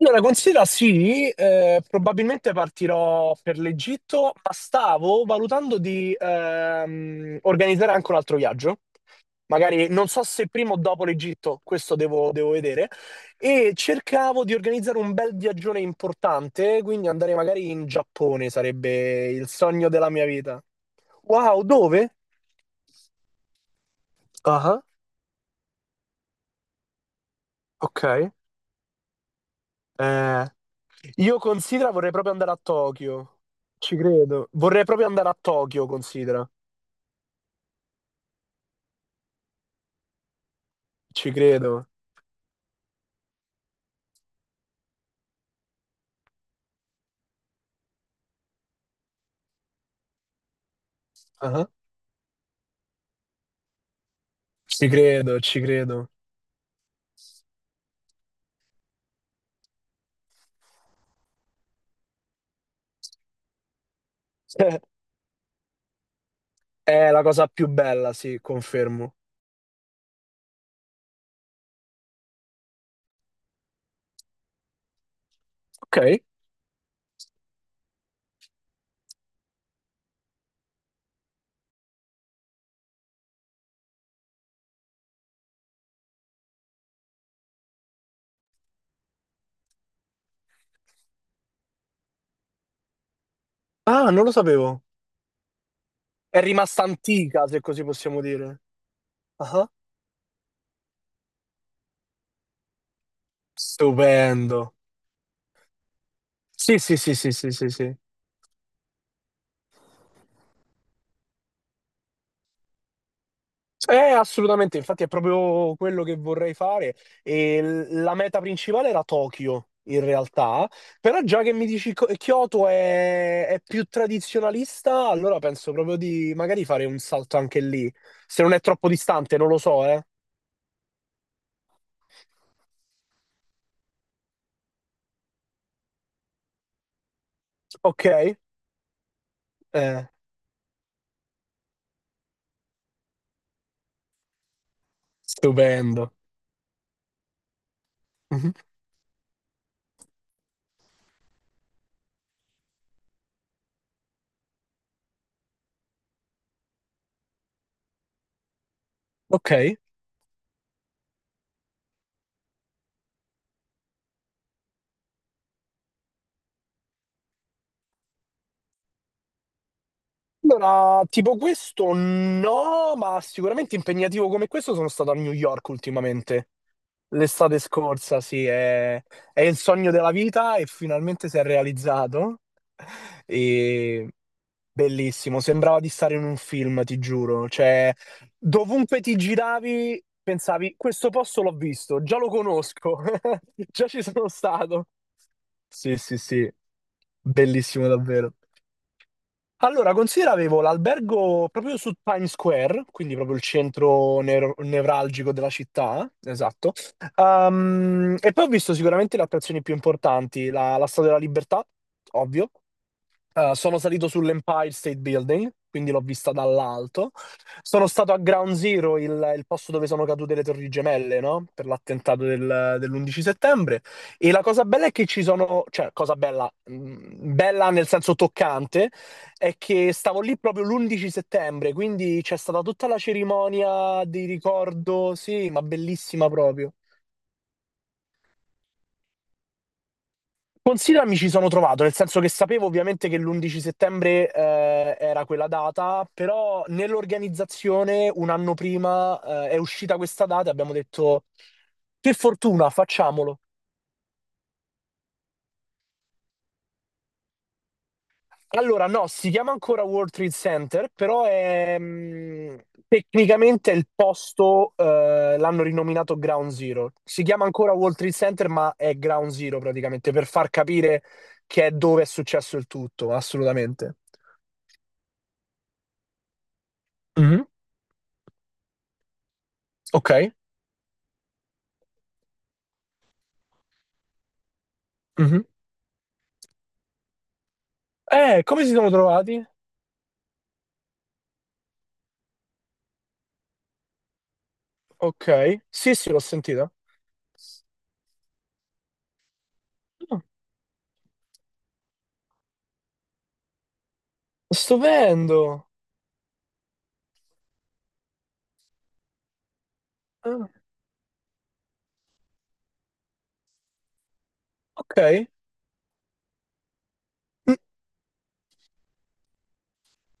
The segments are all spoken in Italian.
Allora, considera sì, probabilmente partirò per l'Egitto, ma stavo valutando di organizzare anche un altro viaggio. Magari non so se prima o dopo l'Egitto, questo devo vedere. E cercavo di organizzare un bel viaggione importante, quindi andare magari in Giappone sarebbe il sogno della mia vita. Wow, dove? Ah, ok. Eh, io considera vorrei proprio andare a Tokyo. Ci credo. Vorrei proprio andare a Tokyo, considera. Ci credo. Ah, ci credo, ci credo. È la cosa più bella, sì, confermo. Ok. Ah, non lo sapevo. È rimasta antica, se così possiamo dire. Ah, stupendo. Sì, sì, sì, sì, sì, sì, sì. Assolutamente, infatti è proprio quello che vorrei fare. E la meta principale era Tokyo, in realtà, però già che mi dici Kyoto è più tradizionalista, allora penso proprio di magari fare un salto anche lì. Se non è troppo distante, non lo so, eh. Ok? Eh, Stupendo. Mhm. Ok. Allora, tipo questo no, ma sicuramente impegnativo come questo sono stato a New York ultimamente. L'estate scorsa, sì, è il sogno della vita e finalmente si è realizzato. E bellissimo, sembrava di stare in un film, ti giuro. Cioè, dovunque ti giravi, pensavi, questo posto l'ho visto, già lo conosco, già ci sono stato. Sì, sì, sì, bellissimo davvero. Allora, considera avevo l'albergo proprio su Times Square, quindi proprio il centro nevralgico della città, esatto. E poi ho visto sicuramente le attrazioni più importanti, la Statua della Libertà, ovvio, sono salito sull'Empire State Building, quindi l'ho vista dall'alto. Sono stato a Ground Zero, il posto dove sono cadute le Torri Gemelle, no? Per l'attentato dell'11 settembre. E la cosa bella è che ci sono, cioè, cosa bella, bella nel senso toccante, è che stavo lì proprio l'11 settembre, quindi c'è stata tutta la cerimonia di ricordo, sì, ma bellissima proprio. Considera mi ci sono trovato, nel senso che sapevo ovviamente che l'11 settembre era quella data, però nell'organizzazione un anno prima è uscita questa data e abbiamo detto che fortuna, facciamolo. Allora no, si chiama ancora World Trade Center, però è, tecnicamente è il posto, l'hanno rinominato Ground Zero. Si chiama ancora World Trade Center, ma è Ground Zero praticamente, per far capire che è dove è successo il tutto, assolutamente. Mhm. Ok. Mhm. Come si siamo trovati? Ok. Sì, sì, l'ho sentita. Ah, stupendo. Ah, ok.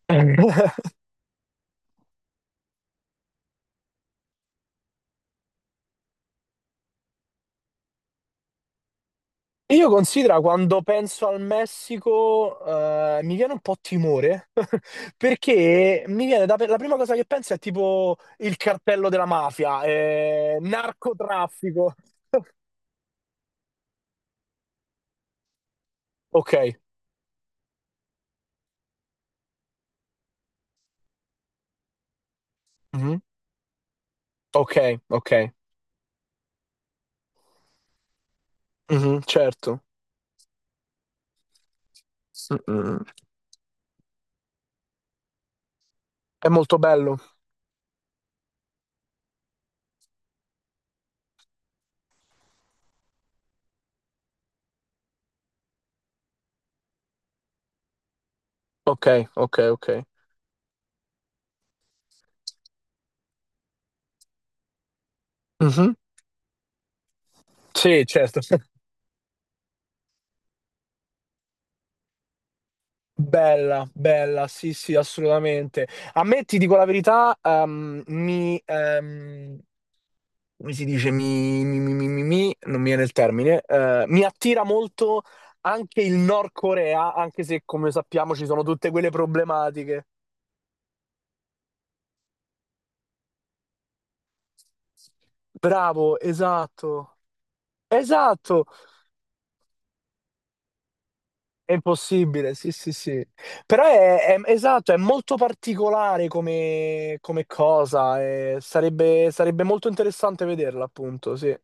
Io considero quando penso al Messico, mi viene un po' timore, perché mi viene da, la prima cosa che penso è tipo il cartello della mafia, narcotraffico. Ok. Mhm. Ok, ok. Mhm, certo. Mm, mm. È molto bello. Ok, ok, ok. Sì, certo. Bella, bella, sì, sì, assolutamente. A me, ti dico la verità, mi, come si dice, non mi viene il termine, mi attira molto anche il Nord Corea, anche se, come sappiamo, ci sono tutte quelle problematiche. Bravo, esatto. Esatto, è impossibile, sì, sì, sì. Però esatto, è molto particolare come, cosa. E sarebbe molto interessante vederla, appunto, sì.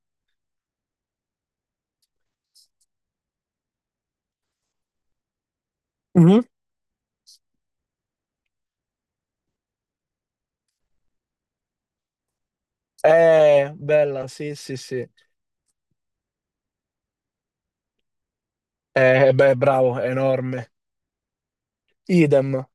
Mhm. È bella, sì, sì, sì. Beh, bravo, è enorme. Idem.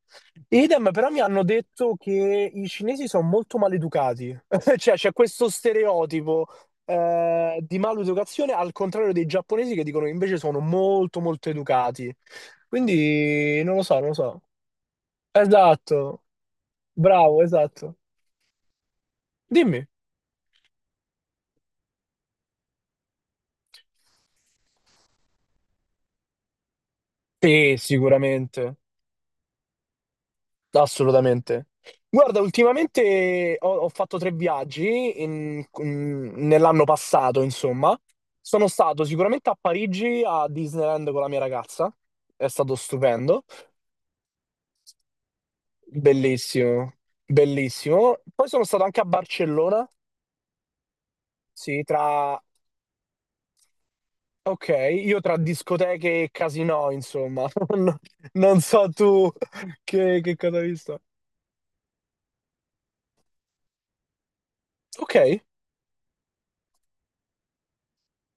Idem, però mi hanno detto che i cinesi sono molto maleducati, cioè c'è questo stereotipo di maleducazione al contrario dei giapponesi che dicono che invece sono molto molto educati. Quindi non lo so, non lo so. Esatto, bravo, esatto. Dimmi. Sì, sicuramente. Assolutamente. Guarda, ultimamente ho fatto 3 viaggi nell'anno passato, insomma. Sono stato sicuramente a Parigi, a Disneyland con la mia ragazza. È stato stupendo. Bellissimo, bellissimo. Poi sono stato anche a Barcellona. Sì. Ok, io tra discoteche e casinò, insomma. Non, non so tu che cosa hai visto. Ok.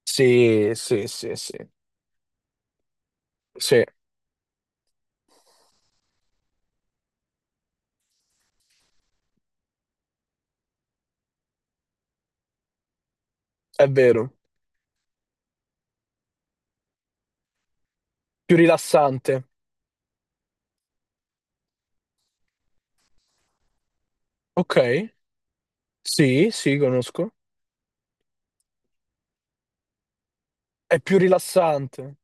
Sì, sì, sì, sì. Sì, è vero. Più rilassante. Ok. Sì, sì, conosco. È più rilassante.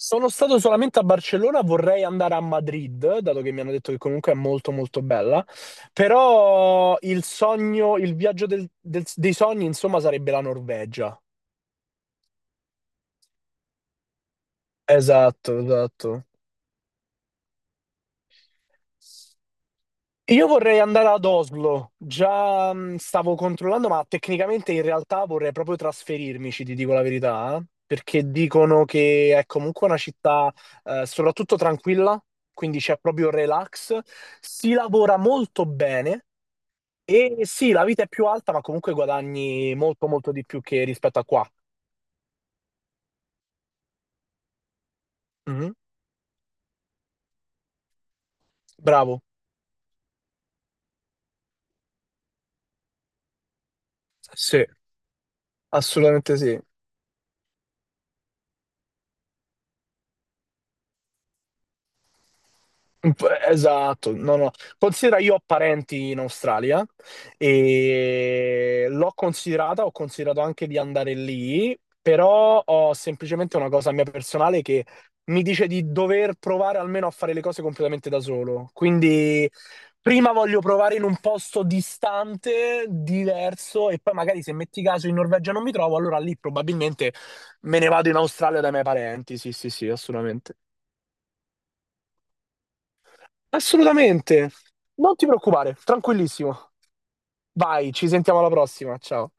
Sono stato solamente a Barcellona, vorrei andare a Madrid, dato che mi hanno detto che comunque è molto molto bella, però il sogno, il viaggio dei sogni, insomma, sarebbe la Norvegia. Esatto, esatto. Io vorrei andare ad Oslo, già stavo controllando, ma tecnicamente in realtà vorrei proprio trasferirmici, ti dico la verità, perché dicono che è comunque una città soprattutto tranquilla, quindi c'è proprio relax, si lavora molto bene e sì, la vita è più alta, ma comunque guadagni molto molto di più che rispetto a qua. Mhm. Bravo, sì, assolutamente sì. Esatto, no, no. Considera, io ho parenti in Australia e l'ho considerata, ho considerato anche di andare lì, però ho semplicemente una cosa mia personale che mi dice di dover provare almeno a fare le cose completamente da solo. Quindi prima voglio provare in un posto distante, diverso, e poi magari se metti caso in Norvegia non mi trovo, allora lì probabilmente me ne vado in Australia dai miei parenti. Sì, sì, sì, assolutamente. Assolutamente. Non ti preoccupare, tranquillissimo. Vai, ci sentiamo alla prossima. Ciao.